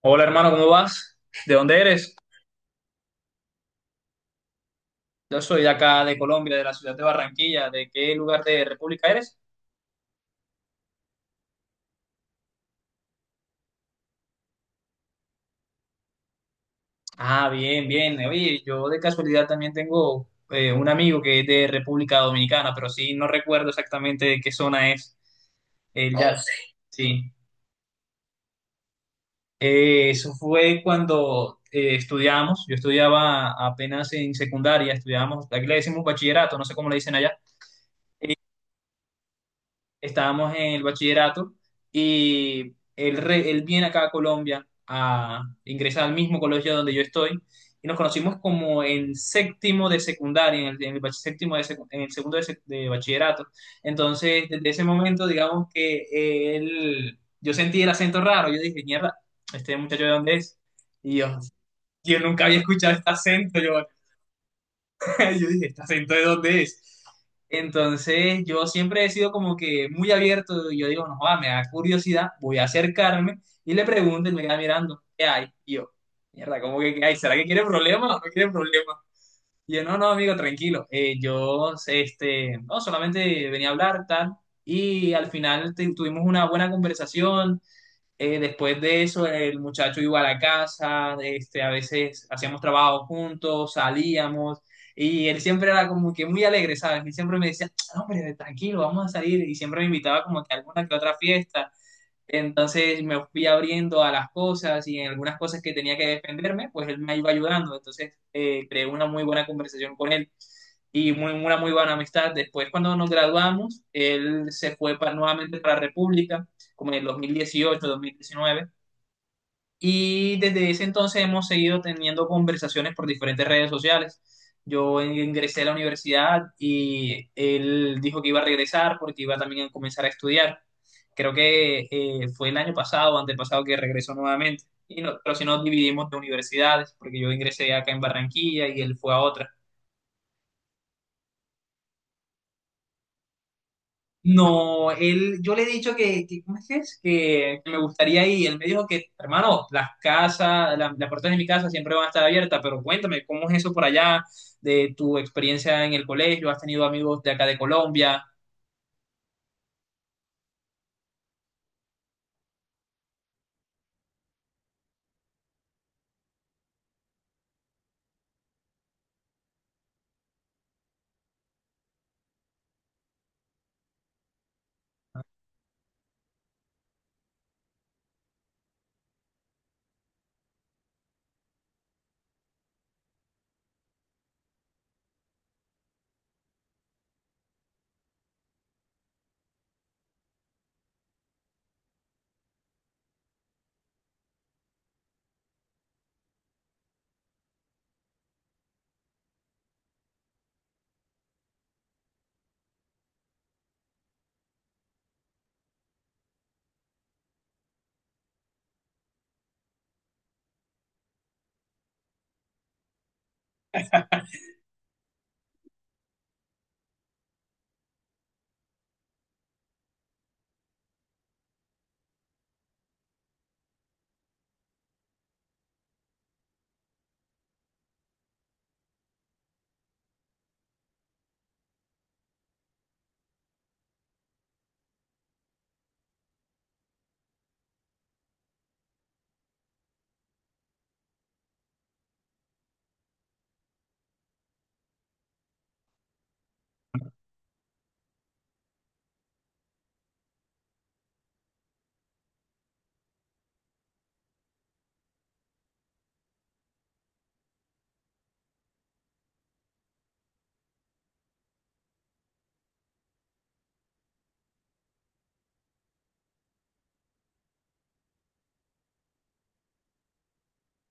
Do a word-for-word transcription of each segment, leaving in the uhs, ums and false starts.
Hola hermano, ¿cómo vas? ¿De dónde eres? Yo soy de acá, de Colombia, de la ciudad de Barranquilla. ¿De qué lugar de República eres? Ah, bien, bien. Oye, yo de casualidad también tengo eh, un amigo que es de República Dominicana, pero sí, no recuerdo exactamente de qué zona es. Él ya, oh, sí. Sí. Eh, eso fue cuando eh, estudiamos. Yo estudiaba apenas en secundaria, estudiábamos, aquí le decimos bachillerato, no sé cómo le dicen allá. Estábamos en el bachillerato y él, re- él viene acá a Colombia a ingresar al mismo colegio donde yo estoy y nos conocimos como en séptimo de secundaria, en el, en el bach- séptimo de secu- en el segundo de, sec- de bachillerato. Entonces, desde ese momento, digamos que él, yo sentí el acento raro, yo dije, mierda, este muchacho de dónde es. Y yo, yo nunca había escuchado este acento, yo, yo dije, ¿este acento de dónde es? Entonces, yo siempre he sido como que muy abierto. Y yo digo, no, joda, me da curiosidad, voy a acercarme y le pregunto y me queda mirando, ¿qué hay? Y yo, mierda, ¿cómo que qué hay? ¿Será que quiere problema o no quiere problema? Y yo, no, no, amigo, tranquilo. Eh, yo, este, no, solamente venía a hablar, tal. Y al final te- tuvimos una buena conversación. Eh, después de eso, el muchacho iba a la casa, este, a veces hacíamos trabajo juntos, salíamos, y él siempre era como que muy alegre, ¿sabes? Y siempre me decía, "No, hombre, tranquilo, vamos a salir", y siempre me invitaba como que a alguna que otra fiesta, entonces me fui abriendo a las cosas y en algunas cosas que tenía que defenderme, pues él me iba ayudando. Entonces eh, creé una muy buena conversación con él y muy, una muy buena amistad. Después cuando nos graduamos, él se fue pa- nuevamente para la República, como en el dos mil dieciocho, dos mil diecinueve, y desde ese entonces hemos seguido teniendo conversaciones por diferentes redes sociales. Yo ingresé a la universidad y él dijo que iba a regresar porque iba también a comenzar a estudiar. Creo que eh, fue el año pasado, antepasado, que regresó nuevamente. Y no- pero si nos dividimos de universidades, porque yo ingresé acá en Barranquilla y él fue a otra. No, él, yo le he dicho que, que- ¿cómo es que es? Que, que me gustaría ir. Él me dijo que, hermano, las casas, la- las puertas de mi casa siempre van a estar abiertas, pero cuéntame, ¿cómo es eso por allá? De tu experiencia en el colegio, ¿has tenido amigos de acá de Colombia?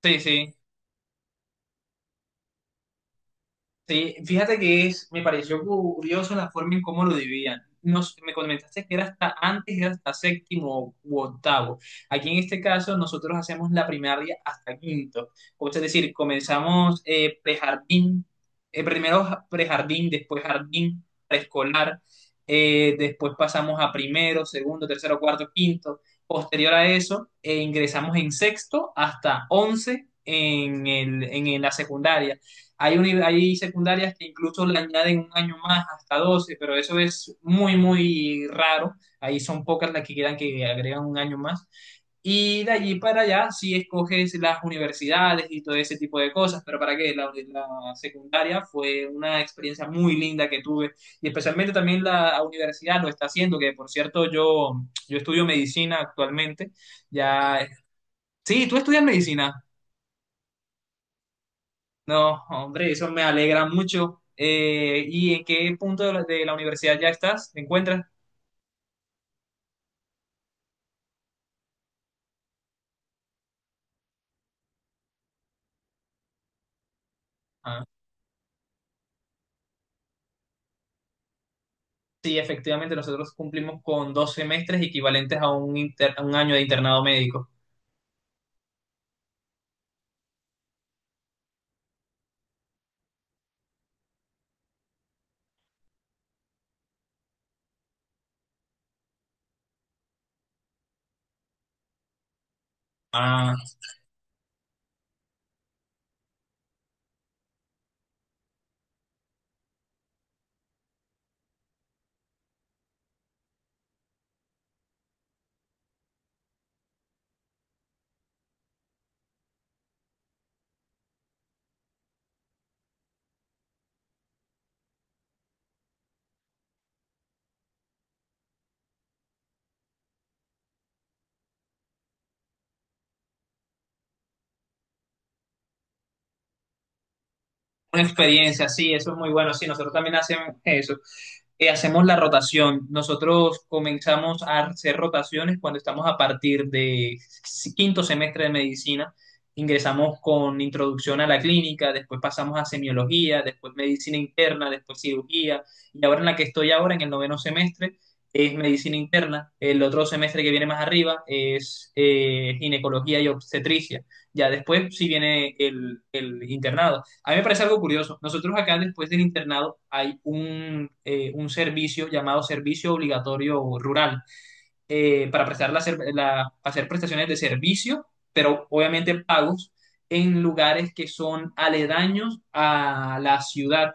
Sí, sí. Sí, fíjate que es, me pareció curioso la forma en cómo lo dividían. Nos, me comentaste que era hasta antes, era hasta séptimo u octavo. Aquí en este caso nosotros hacemos la primaria hasta quinto. O sea, es decir, comenzamos eh, prejardín, eh, primero ja- prejardín, después jardín, preescolar, eh, después pasamos a primero, segundo, tercero, cuarto, quinto. Posterior a eso, eh, ingresamos en sexto hasta once en el, en la secundaria. Hay, uni- hay secundarias que incluso le añaden un año más, hasta doce, pero eso es muy, muy raro. Ahí son pocas las que quedan que agregan un año más. Y de allí para allá sí escoges las universidades y todo ese tipo de cosas, pero para qué, la, la secundaria fue una experiencia muy linda que tuve y especialmente también la universidad lo está haciendo, que por cierto yo, yo estudio medicina actualmente. Ya, sí, tú estudias medicina. No, hombre, eso me alegra mucho. Eh, ¿y en qué punto de la, de la universidad ya estás? ¿Te encuentras? Ah, sí, efectivamente, nosotros cumplimos con dos semestres equivalentes a un, inter- a un año de internado médico. Ah, una experiencia, sí, eso es muy bueno. Sí, nosotros también hacemos eso. Eh, hacemos la rotación. Nosotros comenzamos a hacer rotaciones cuando estamos a partir de s- quinto semestre de medicina. Ingresamos con introducción a la clínica, después pasamos a semiología, después medicina interna, después cirugía. Y ahora en la que estoy ahora, en el noveno semestre, es medicina interna. El otro semestre que viene más arriba es eh, ginecología y obstetricia. Ya después sí viene el el internado. A mí me parece algo curioso. Nosotros acá después del internado hay un, eh, un servicio llamado Servicio Obligatorio Rural eh, para prestar la, ser- la- hacer prestaciones de servicio, pero obviamente pagos en lugares que son aledaños a la ciudad.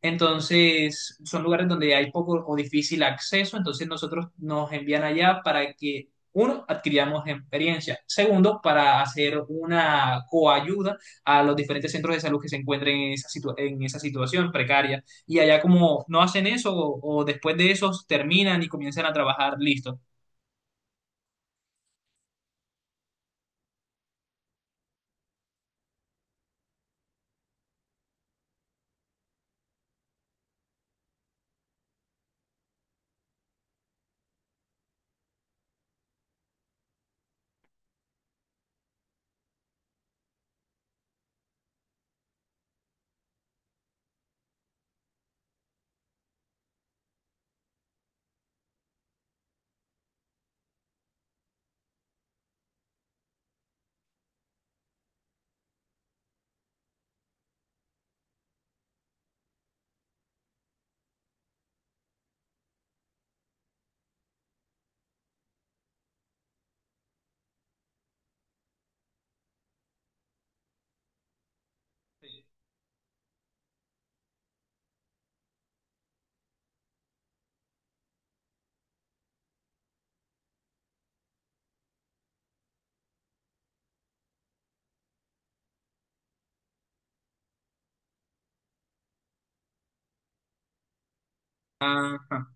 Entonces, son lugares donde hay poco o difícil acceso, entonces nosotros nos envían allá para que, uno, adquiramos experiencia. Segundo, para hacer una coayuda a los diferentes centros de salud que se encuentren en esa, situ en esa situación precaria. Y allá como no hacen eso o, o después de eso terminan y comienzan a trabajar, listo. Ajá.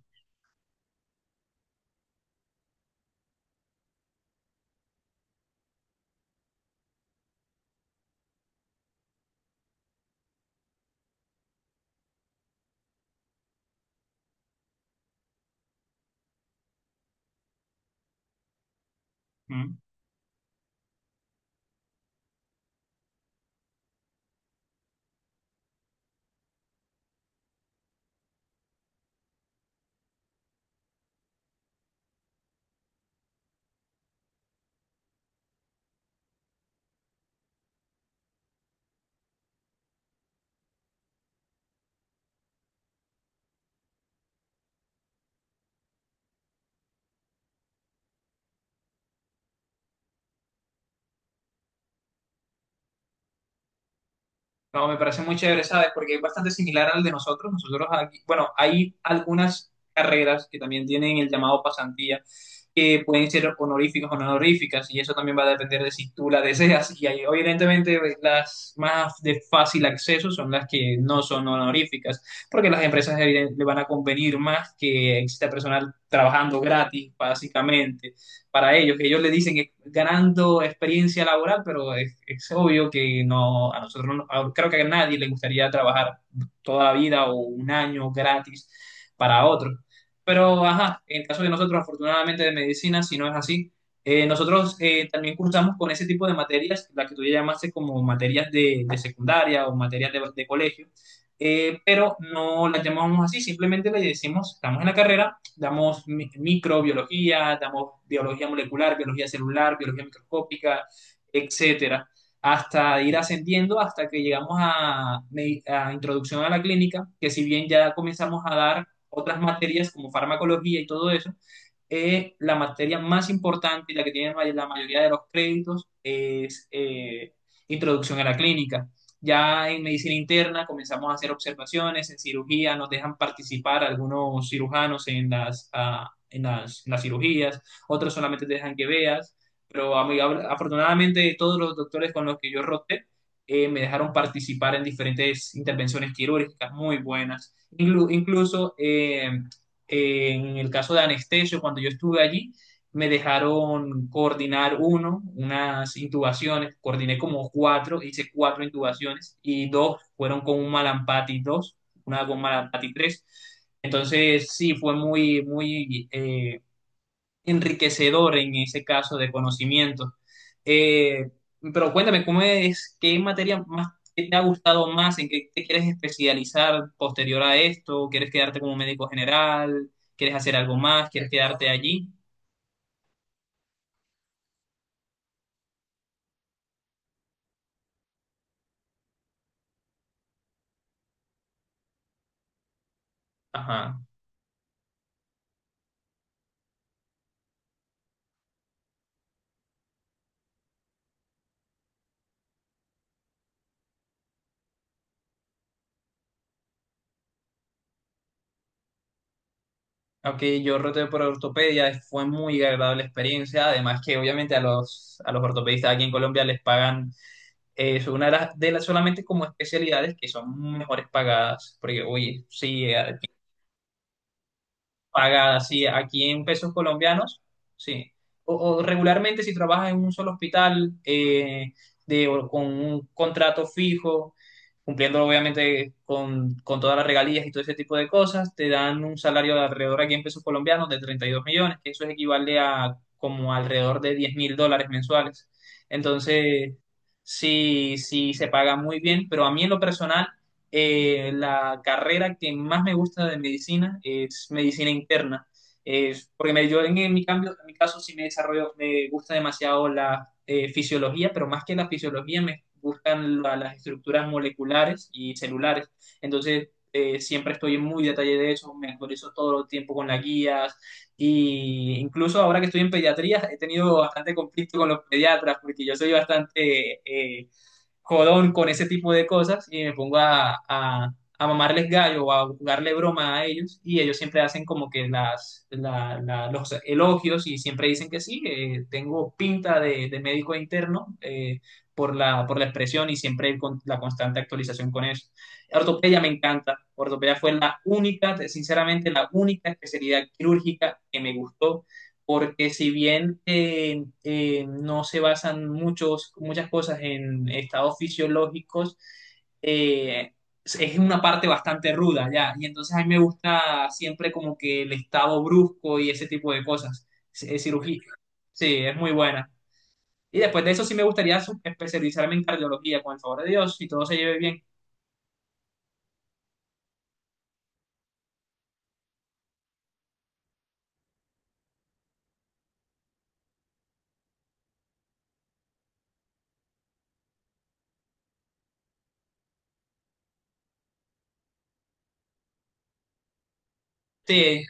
No, me parece muy chévere, ¿sabes? Porque es bastante similar al de nosotros. Nosotros aquí, bueno, hay algunas carreras que también tienen el llamado pasantía, que pueden ser honoríficas o no honoríficas, y eso también va a depender de si tú la deseas. Y ahí, evidentemente, pues, las más de fácil acceso son las que no son honoríficas, porque las empresas evident- le van a convenir más que exista personal trabajando gratis, básicamente para ellos, que ellos le dicen eh, ganando experiencia laboral, pero es, es obvio que no, a nosotros no- a- creo que a nadie le gustaría trabajar toda la vida o un año gratis para otro. Pero, ajá, en el caso de nosotros, afortunadamente de medicina, si no es así, eh, nosotros eh, también cursamos con ese tipo de materias, la que tú ya llamaste como materias de, de secundaria o materias de de colegio, eh, pero no las llamamos así, simplemente le decimos, estamos en la carrera, damos microbiología, damos biología molecular, biología celular, biología microscópica, etcétera, hasta ir ascendiendo hasta que llegamos a, a introducción a la clínica, que si bien ya comenzamos a dar otras materias como farmacología y todo eso, eh, la materia más importante y la que tiene la mayoría de los créditos es eh, introducción a la clínica. Ya en medicina interna comenzamos a hacer observaciones, en cirugía nos dejan participar algunos cirujanos en las, ah, en las, en las cirugías, otros solamente te dejan que veas, pero amigable- afortunadamente todos los doctores con los que yo roté eh, me dejaron participar en diferentes intervenciones quirúrgicas muy buenas. Inclu- incluso eh, eh, en el caso de anestesio, cuando yo estuve allí, me dejaron coordinar uno, unas intubaciones, coordiné como cuatro, hice cuatro intubaciones y dos fueron con un malampati dos, una con malampati tres. Entonces, sí, fue muy, muy eh, enriquecedor en ese caso de conocimiento. Eh, pero cuéntame, ¿cómo es, qué materia más, qué te ha gustado más? ¿En qué te quieres especializar posterior a esto? ¿Quieres quedarte como médico general? ¿Quieres hacer algo más? ¿Quieres quedarte allí? Ajá. Ok, yo roté por ortopedia, fue muy agradable experiencia, además que obviamente a los, a los ortopedistas aquí en Colombia les pagan, eh, es una de las, de las solamente como especialidades que son mejores pagadas, porque oye, sí, eh, pagada, sí, aquí en pesos colombianos, sí. O, o regularmente si trabajas en un solo hospital eh, de, o con un contrato fijo, cumpliendo obviamente con, con todas las regalías y todo ese tipo de cosas, te dan un salario de alrededor aquí en pesos colombianos de treinta y dos millones, que eso equivale a como alrededor de diez mil dólares mensuales. Entonces, sí, sí se paga muy bien, pero a mí en lo personal eh, la carrera que más me gusta de medicina es medicina interna. Es- porque me, yo en, en mi cambio, en mi caso sí me desarrollo, me gusta demasiado la eh, fisiología, pero más que la fisiología me gustan la- las estructuras moleculares y celulares. Entonces, eh, siempre estoy en muy detalle de eso, me actualizo todo el tiempo con las guías, y incluso ahora que estoy en pediatría he tenido bastante conflicto con los pediatras porque yo soy bastante eh, jodón con ese tipo de cosas y me pongo a, a, a mamarles gallo o a jugarle broma a ellos, y ellos siempre hacen como que las, la- la- los elogios y siempre dicen que sí, eh, tengo pinta de, de médico interno, eh, por la, por la expresión y siempre con la constante actualización con eso. Ortopedia me encanta, ortopedia fue la única, sinceramente la única especialidad quirúrgica que me gustó porque si bien eh, eh, no se basan muchos, muchas cosas en estados fisiológicos, eh, es una parte bastante ruda, ya, y entonces a mí me gusta siempre como que el estado brusco y ese tipo de cosas, C- eh, cirugía, sí, es muy buena. Y después de eso sí me gustaría sub- especializarme en cardiología, con el favor de Dios, si todo se lleve bien. Sí,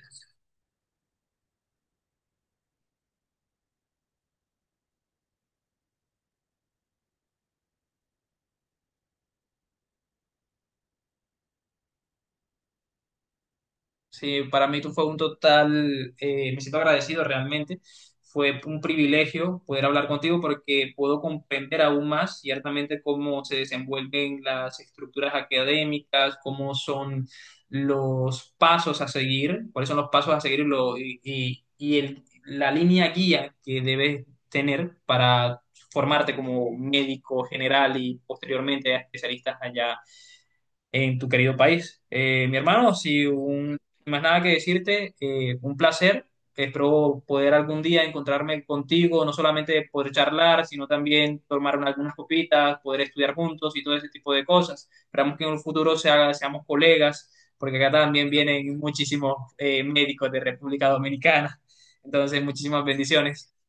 sí, para mí tú fue un total, eh, me siento agradecido realmente. Fue un privilegio poder hablar contigo porque puedo comprender aún más ciertamente cómo se desenvuelven las estructuras académicas, cómo son los pasos a seguir, cuáles son los pasos a seguir y, lo- y- y- y el- la línea guía que debes tener para formarte como médico general y posteriormente a especialistas allá en tu querido país. Eh, mi hermano, si un, más nada que decirte, eh, un placer. Espero poder algún día encontrarme contigo, no solamente poder charlar, sino también tomar un- algunas copitas, poder estudiar juntos y todo ese tipo de cosas. Esperamos que en un futuro se haga- seamos colegas, porque acá también vienen muchísimos eh, médicos de República Dominicana. Entonces, muchísimas bendiciones.